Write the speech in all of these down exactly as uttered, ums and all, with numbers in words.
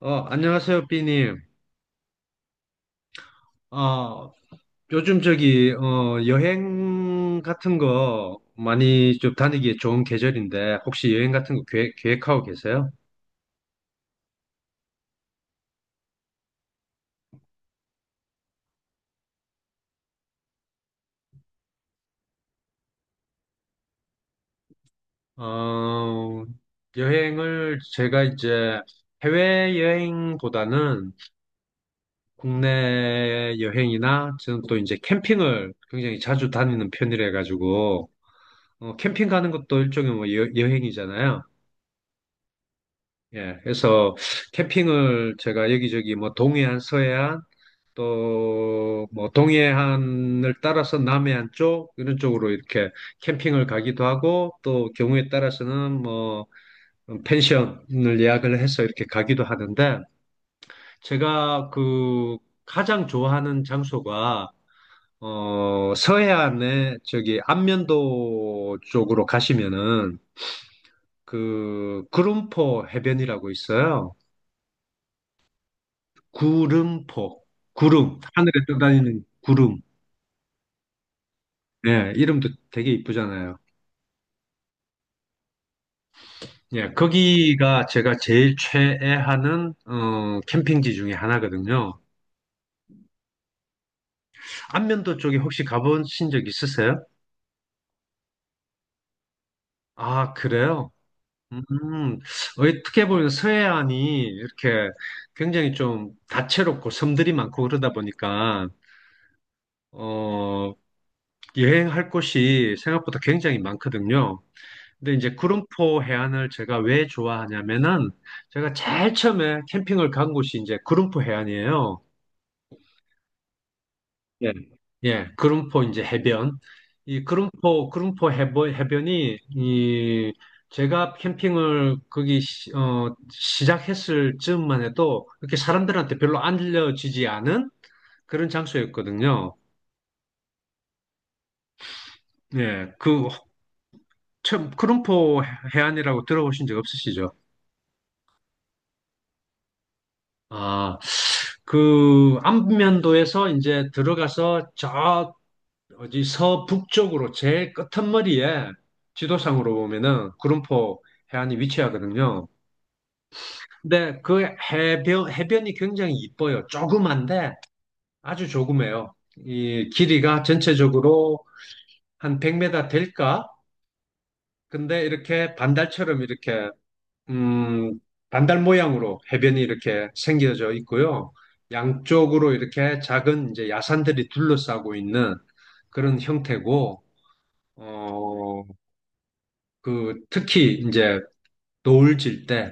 어, 안녕하세요, 삐님. 어, 요즘 저기, 어, 여행 같은 거 많이 좀 다니기 에 좋은 계절인데, 혹시 여행 같은 거 계획, 계획하고 계세요? 어, 여행을 제가 이제 해외여행보다는 국내 여행이나 저는 또 이제 캠핑을 굉장히 자주 다니는 편이라 가지고, 어, 캠핑 가는 것도 일종의 뭐 여, 여행이잖아요. 예, 그래서 캠핑을 제가 여기저기 뭐 동해안, 서해안 또 뭐 동해안을 따라서 남해안 쪽 이런 쪽으로 이렇게 캠핑을 가기도 하고 또 경우에 따라서는 뭐 펜션을 예약을 해서 이렇게 가기도 하는데 제가 그 가장 좋아하는 장소가 어 서해안에 저기 안면도 쪽으로 가시면은 그 구름포 해변이라고 있어요. 구름포. 구름. 하늘에 떠다니는 구름. 예, 이름도 되게 이쁘잖아요. 예, 거기가 제가 제일 최애하는 어, 캠핑지 중에 하나거든요. 안면도 쪽에 혹시 가보신 적 있으세요? 아, 그래요? 음, 어떻게 보면 서해안이 이렇게 굉장히 좀 다채롭고 섬들이 많고 그러다 보니까, 어, 여행할 곳이 생각보다 굉장히 많거든요. 근데 이제 구름포 해안을 제가 왜 좋아하냐면은 제가 제일 처음에 캠핑을 간 곳이 이제 구름포 해안이에요. 예, 예, 구름포 이제 해변. 이 구름포 구름포 해변 해변이 이 제가 캠핑을 거기 시, 어, 시작했을 즈음만 해도 이렇게 사람들한테 별로 알려지지 않은 그런 장소였거든요. 예, 그 처음 구름포 해안이라고 들어보신 적 없으시죠? 아, 그 안면도에서 이제 들어가서 저 어디 서북쪽으로 제일 끝머리에 지도상으로 보면은 구름포 해안이 위치하거든요. 근데 그 해변 해변이 굉장히 이뻐요. 조그만데 아주 조그매요. 이 길이가 전체적으로 한 백 미터 될까? 근데 이렇게 반달처럼 이렇게 음, 반달 모양으로 해변이 이렇게 생겨져 있고요. 양쪽으로 이렇게 작은 이제 야산들이 둘러싸고 있는 그런 형태고, 어, 그 특히 이제 노을 질 때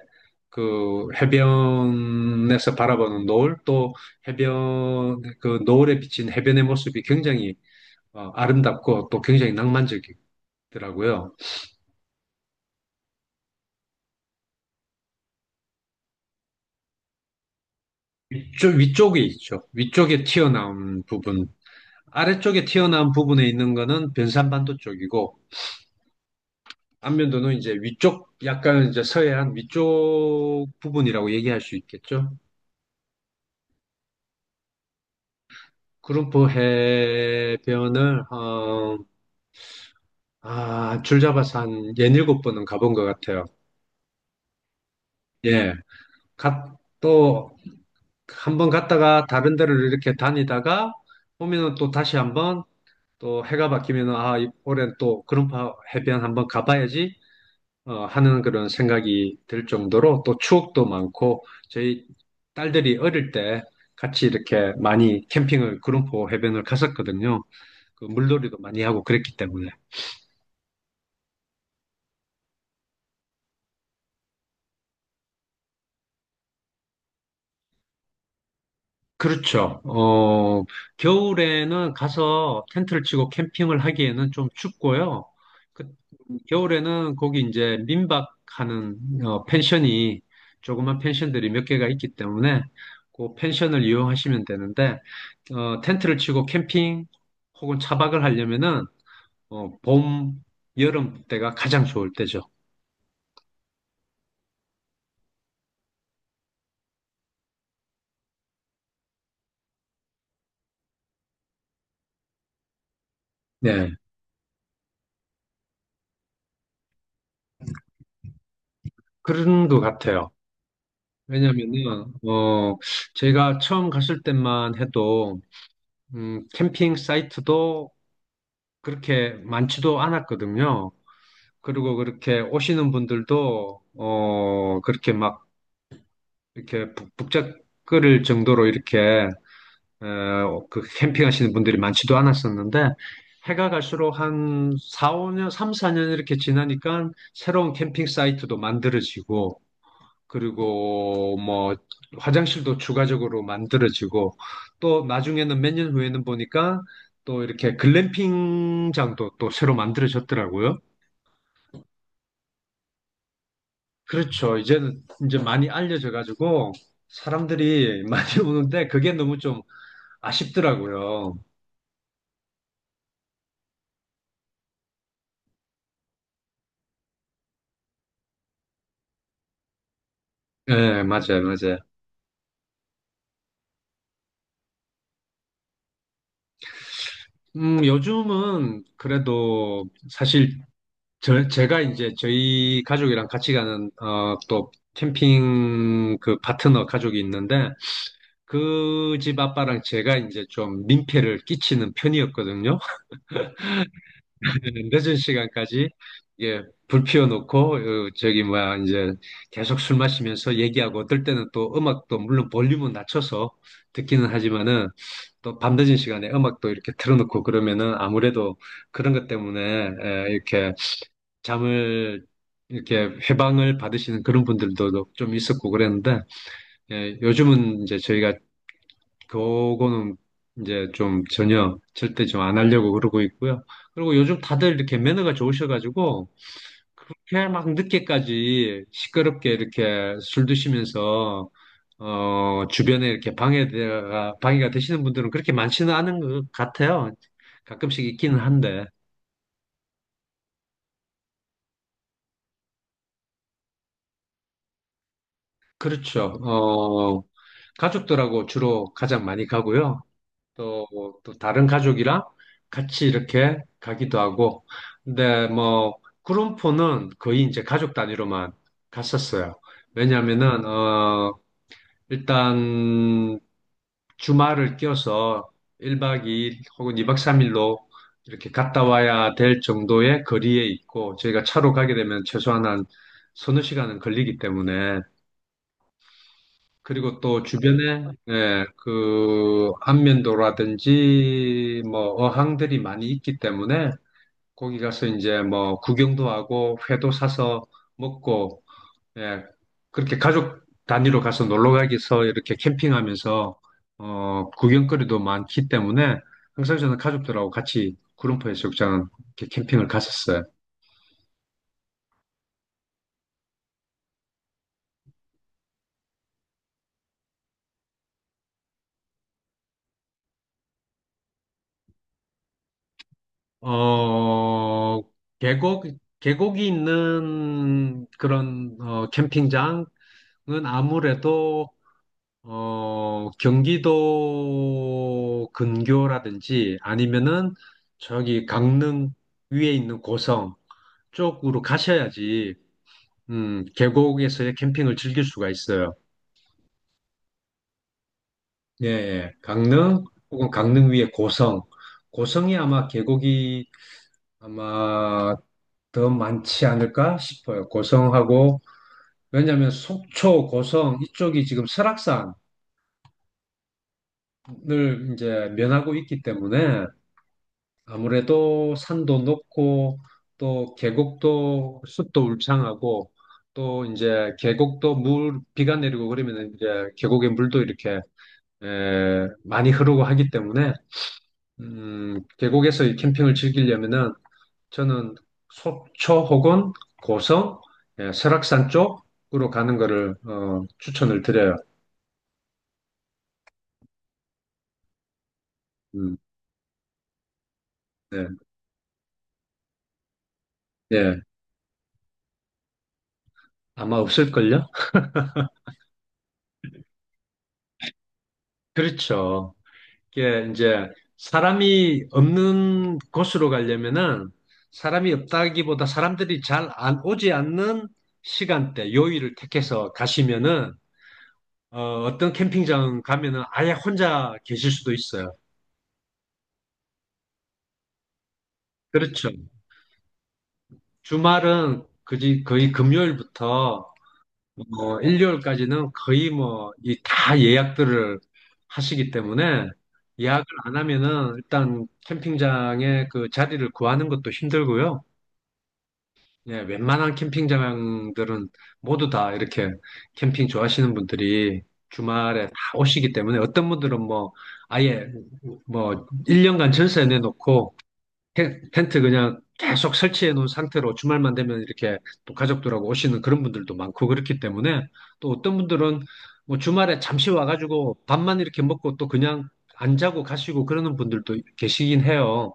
그 해변에서 바라보는 노을 또 해변 그 노을에 비친 해변의 모습이 굉장히 어, 아름답고 또 굉장히 낭만적이더라고요. 위쪽, 위쪽에 있죠. 위쪽에 튀어나온 부분. 아래쪽에 튀어나온 부분에 있는 거는 변산반도 쪽이고, 안면도는 이제 위쪽, 약간 이제 서해안 위쪽 부분이라고 얘기할 수 있겠죠. 구름포 해변을, 어, 아, 줄 잡아서 한 예닐곱 번은 가본 것 같아요. 예. 갔, 또, 한 번 갔다가 다른 데를 이렇게 다니다가 오면은 또 다시 한번 또 해가 바뀌면은 아, 이- 올해는 또 구름포 해변 한번 가봐야지 어, 하는 그런 생각이 들 정도로 또 추억도 많고 저희 딸들이 어릴 때 같이 이렇게 많이 캠핑을 구름포 해변을 갔었거든요. 그 물놀이도 많이 하고 그랬기 때문에. 그렇죠. 어, 겨울에는 가서 텐트를 치고 캠핑을 하기에는 좀 춥고요. 그, 겨울에는 거기 이제 민박하는 어, 펜션이 조그만 펜션들이 몇 개가 있기 때문에 그 펜션을 이용하시면 되는데 어, 텐트를 치고 캠핑 혹은 차박을 하려면은 어, 봄, 여름 때가 가장 좋을 때죠. 네, 그런 것 같아요. 왜냐면은 어, 제가 처음 갔을 때만 해도 음, 캠핑 사이트도 그렇게 많지도 않았거든요. 그리고 그렇게 오시는 분들도, 어, 그렇게 막, 이렇게 북- 북적거릴 정도로 이렇게, 어, 그 캠핑하시는 분들이 많지도 않았었는데, 해가 갈수록 한 사, 오 년, 삼, 사 년 이렇게 지나니까 새로운 캠핑 사이트도 만들어지고, 그리고 뭐 화장실도 추가적으로 만들어지고 또 나중에는 몇 년 후에는 보니까 또 이렇게 글램핑장도 또 새로 만들어졌더라고요. 그렇죠. 이제는 이제 많이 알려져 가지고 사람들이 많이 오는데 그게 너무 좀 아쉽더라고요. 예, 맞아요, 맞아요. 음, 요즘은 그래도 사실 저- 제가 이제 저희 가족이랑 같이 가는 어, 또 캠핑 그 파트너 가족이 있는데 그 집 아빠랑 제가 이제 좀 민폐를 끼치는 편이었거든요. 늦은 시간까지 예, 불 피워놓고 어, 저기 뭐야 이제 계속 술 마시면서 얘기하고 어떨 때는 또 음악도 물론 볼륨은 낮춰서 듣기는 하지만은 또 밤늦은 시간에 음악도 이렇게 틀어놓고 그러면은 아무래도 그런 것 때문에 에, 이렇게 잠을 이렇게 해방을 받으시는 그런 분들도 좀 있었고 그랬는데 예, 요즘은 이제 저희가 그거는 이제 좀 전혀 절대 좀 안 하려고 그러고 있고요. 그리고 요즘 다들 이렇게 매너가 좋으셔가지고 그렇게 막 늦게까지 시끄럽게 이렇게 술 드시면서 어 주변에 이렇게 방해가 방해가 되시는 분들은 그렇게 많지는 않은 것 같아요. 가끔씩 있기는 한데 그렇죠. 어 가족들하고 주로 가장 많이 가고요. 또, 또 다른 가족이랑 같이 이렇게 가기도 하고. 근데 뭐, 구름포는 거의 이제 가족 단위로만 갔었어요. 왜냐면은, 어, 일단 주말을 껴서 일 박 이 일 혹은 이 박 삼 일로 이렇게 갔다 와야 될 정도의 거리에 있고, 저희가 차로 가게 되면 최소한 한 서너 시간은 걸리기 때문에 그리고 또 주변에 예, 그 안면도라든지 뭐 어항들이 많이 있기 때문에 거기 가서 이제 뭐 구경도 하고 회도 사서 먹고 예, 그렇게 가족 단위로 가서 놀러 가기서 이렇게 캠핑하면서 어, 구경거리도 많기 때문에 항상 저는 가족들하고 같이 구름포 해수욕장 이렇게 캠핑을 갔었어요. 어, 계곡 계곡이 있는 그런 어, 캠핑장 은 아무래도 어, 경기도 근교라든지 아니면은 저기 강릉 위에 있는 고성 쪽으로 가셔야지 음, 계곡에서의 캠핑을 즐길 수가 있어요. 예, 예. 강릉 혹은 강릉 위에 고성. 고성이 아마 계곡이 아마 더 많지 않을까 싶어요. 고성하고 왜냐하면 속초, 고성 이쪽이 지금 설악산을 이제 면하고 있기 때문에 아무래도 산도 높고 또 계곡도 숲도 울창하고 또 이제 계곡도 물 비가 내리고 그러면 이제 계곡의 물도 이렇게 에, 많이 흐르고 하기 때문에 음, 계곡에서 이 캠핑을 즐기려면은 저는 속초 혹은 고성, 예, 설악산 쪽으로 가는 거를 어, 추천을 드려요. 음, 네, 예, 아마 없을걸요? 그렇죠. 이게 이제 사람이 없는 곳으로 가려면은 사람이 없다기보다 사람들이 잘 안 오지 않는 시간대, 요일을 택해서 가시면은 어, 떤 캠핑장 가면은 아예 혼자 계실 수도 있어요. 그렇죠. 주말은 그지 거의 금요일부터 어, 일요일까지는 거의 뭐 이 다 예약들을 하시기 때문에 예약을 안 하면은 일단 캠핑장에 그 자리를 구하는 것도 힘들고요. 네, 웬만한 캠핑장들은 모두 다 이렇게 캠핑 좋아하시는 분들이 주말에 다 오시기 때문에 어떤 분들은 뭐 아예 뭐 일 년간 전세 내놓고 텐- 텐트 그냥 계속 설치해 놓은 상태로 주말만 되면 이렇게 또 가족들하고 오시는 그런 분들도 많고 그렇기 때문에 또 어떤 분들은 뭐 주말에 잠시 와가지고 밥만 이렇게 먹고 또 그냥 안 자고 가시고 그러는 분들도 계시긴 해요.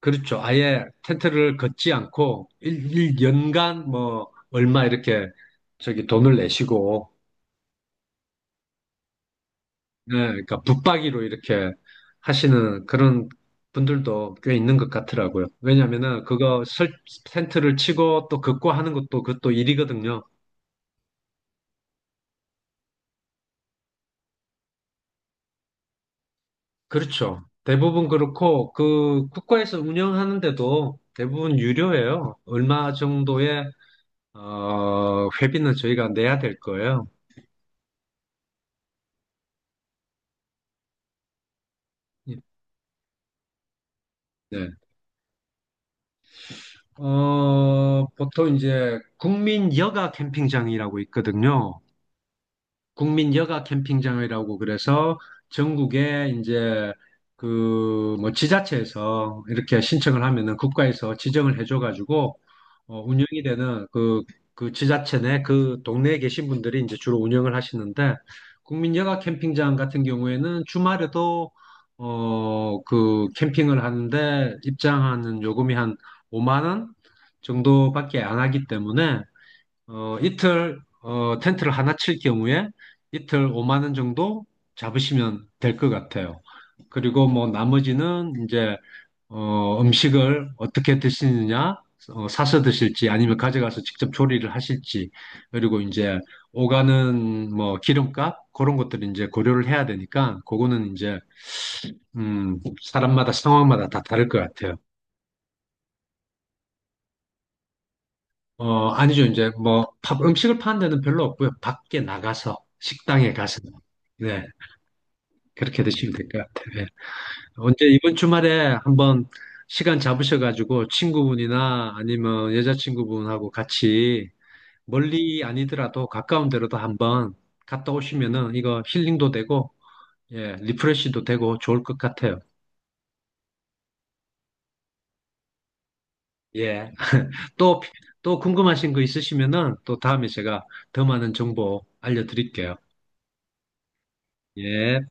그렇죠. 아예 텐트를 걷지 않고 일, 일 연간 뭐 얼마 이렇게 저기 돈을 내시고 네, 그러니까 붙박이로 이렇게 하시는 그런 분들도 꽤 있는 것 같더라고요. 왜냐하면은 그거 설, 텐트를 치고 또 걷고 하는 것도 그것도 일이거든요. 그렇죠. 대부분 그렇고 그 국가에서 운영하는데도 대부분 유료예요. 얼마 정도의 어, 회비는 저희가 내야 될 거예요. 예. 네. 어, 보통 이제 국민 여가 캠핑장이라고 있거든요. 국민 여가 캠핑장이라고 그래서 전국에 이제 그 뭐 지자체에서 이렇게 신청을 하면은 국가에서 지정을 해줘가지고 어, 운영이 되는 그, 그 지자체 내 그 동네에 계신 분들이 이제 주로 운영을 하시는데 국민 여가 캠핑장 같은 경우에는 주말에도 어, 그 캠핑을 하는데 입장하는 요금이 한 오만 원 정도밖에 안 하기 때문에 어, 이틀 어, 텐트를 하나 칠 경우에 이틀 오만 원 정도 잡으시면 될 것 같아요. 그리고 뭐 나머지는 이제 어, 음식을 어떻게 드시느냐, 어, 사서 드실지 아니면 가져가서 직접 조리를 하실지 그리고 이제 오가는 뭐 기름값 그런 것들을 이제 고려를 해야 되니까 그거는 이제 음, 사람마다 상황마다 다 다를 것 같아요. 어, 아니죠. 이제 뭐, 밥, 음식을 파는 데는 별로 없고요. 밖에 나가서, 식당에 가서, 네, 그렇게 드시면 될 것 같아요. 예. 언제 이번 주말에 한번 시간 잡으셔가지고 친구분이나 아니면 여자친구분하고 같이 멀리 아니더라도 가까운 데로도 한번 갔다 오시면은 이거 힐링도 되고, 예, 리프레시도 되고 좋을 것 같아요. 예. 또, 또 궁금하신 거 있으시면은 또 다음에 제가 더 많은 정보 알려드릴게요. 예.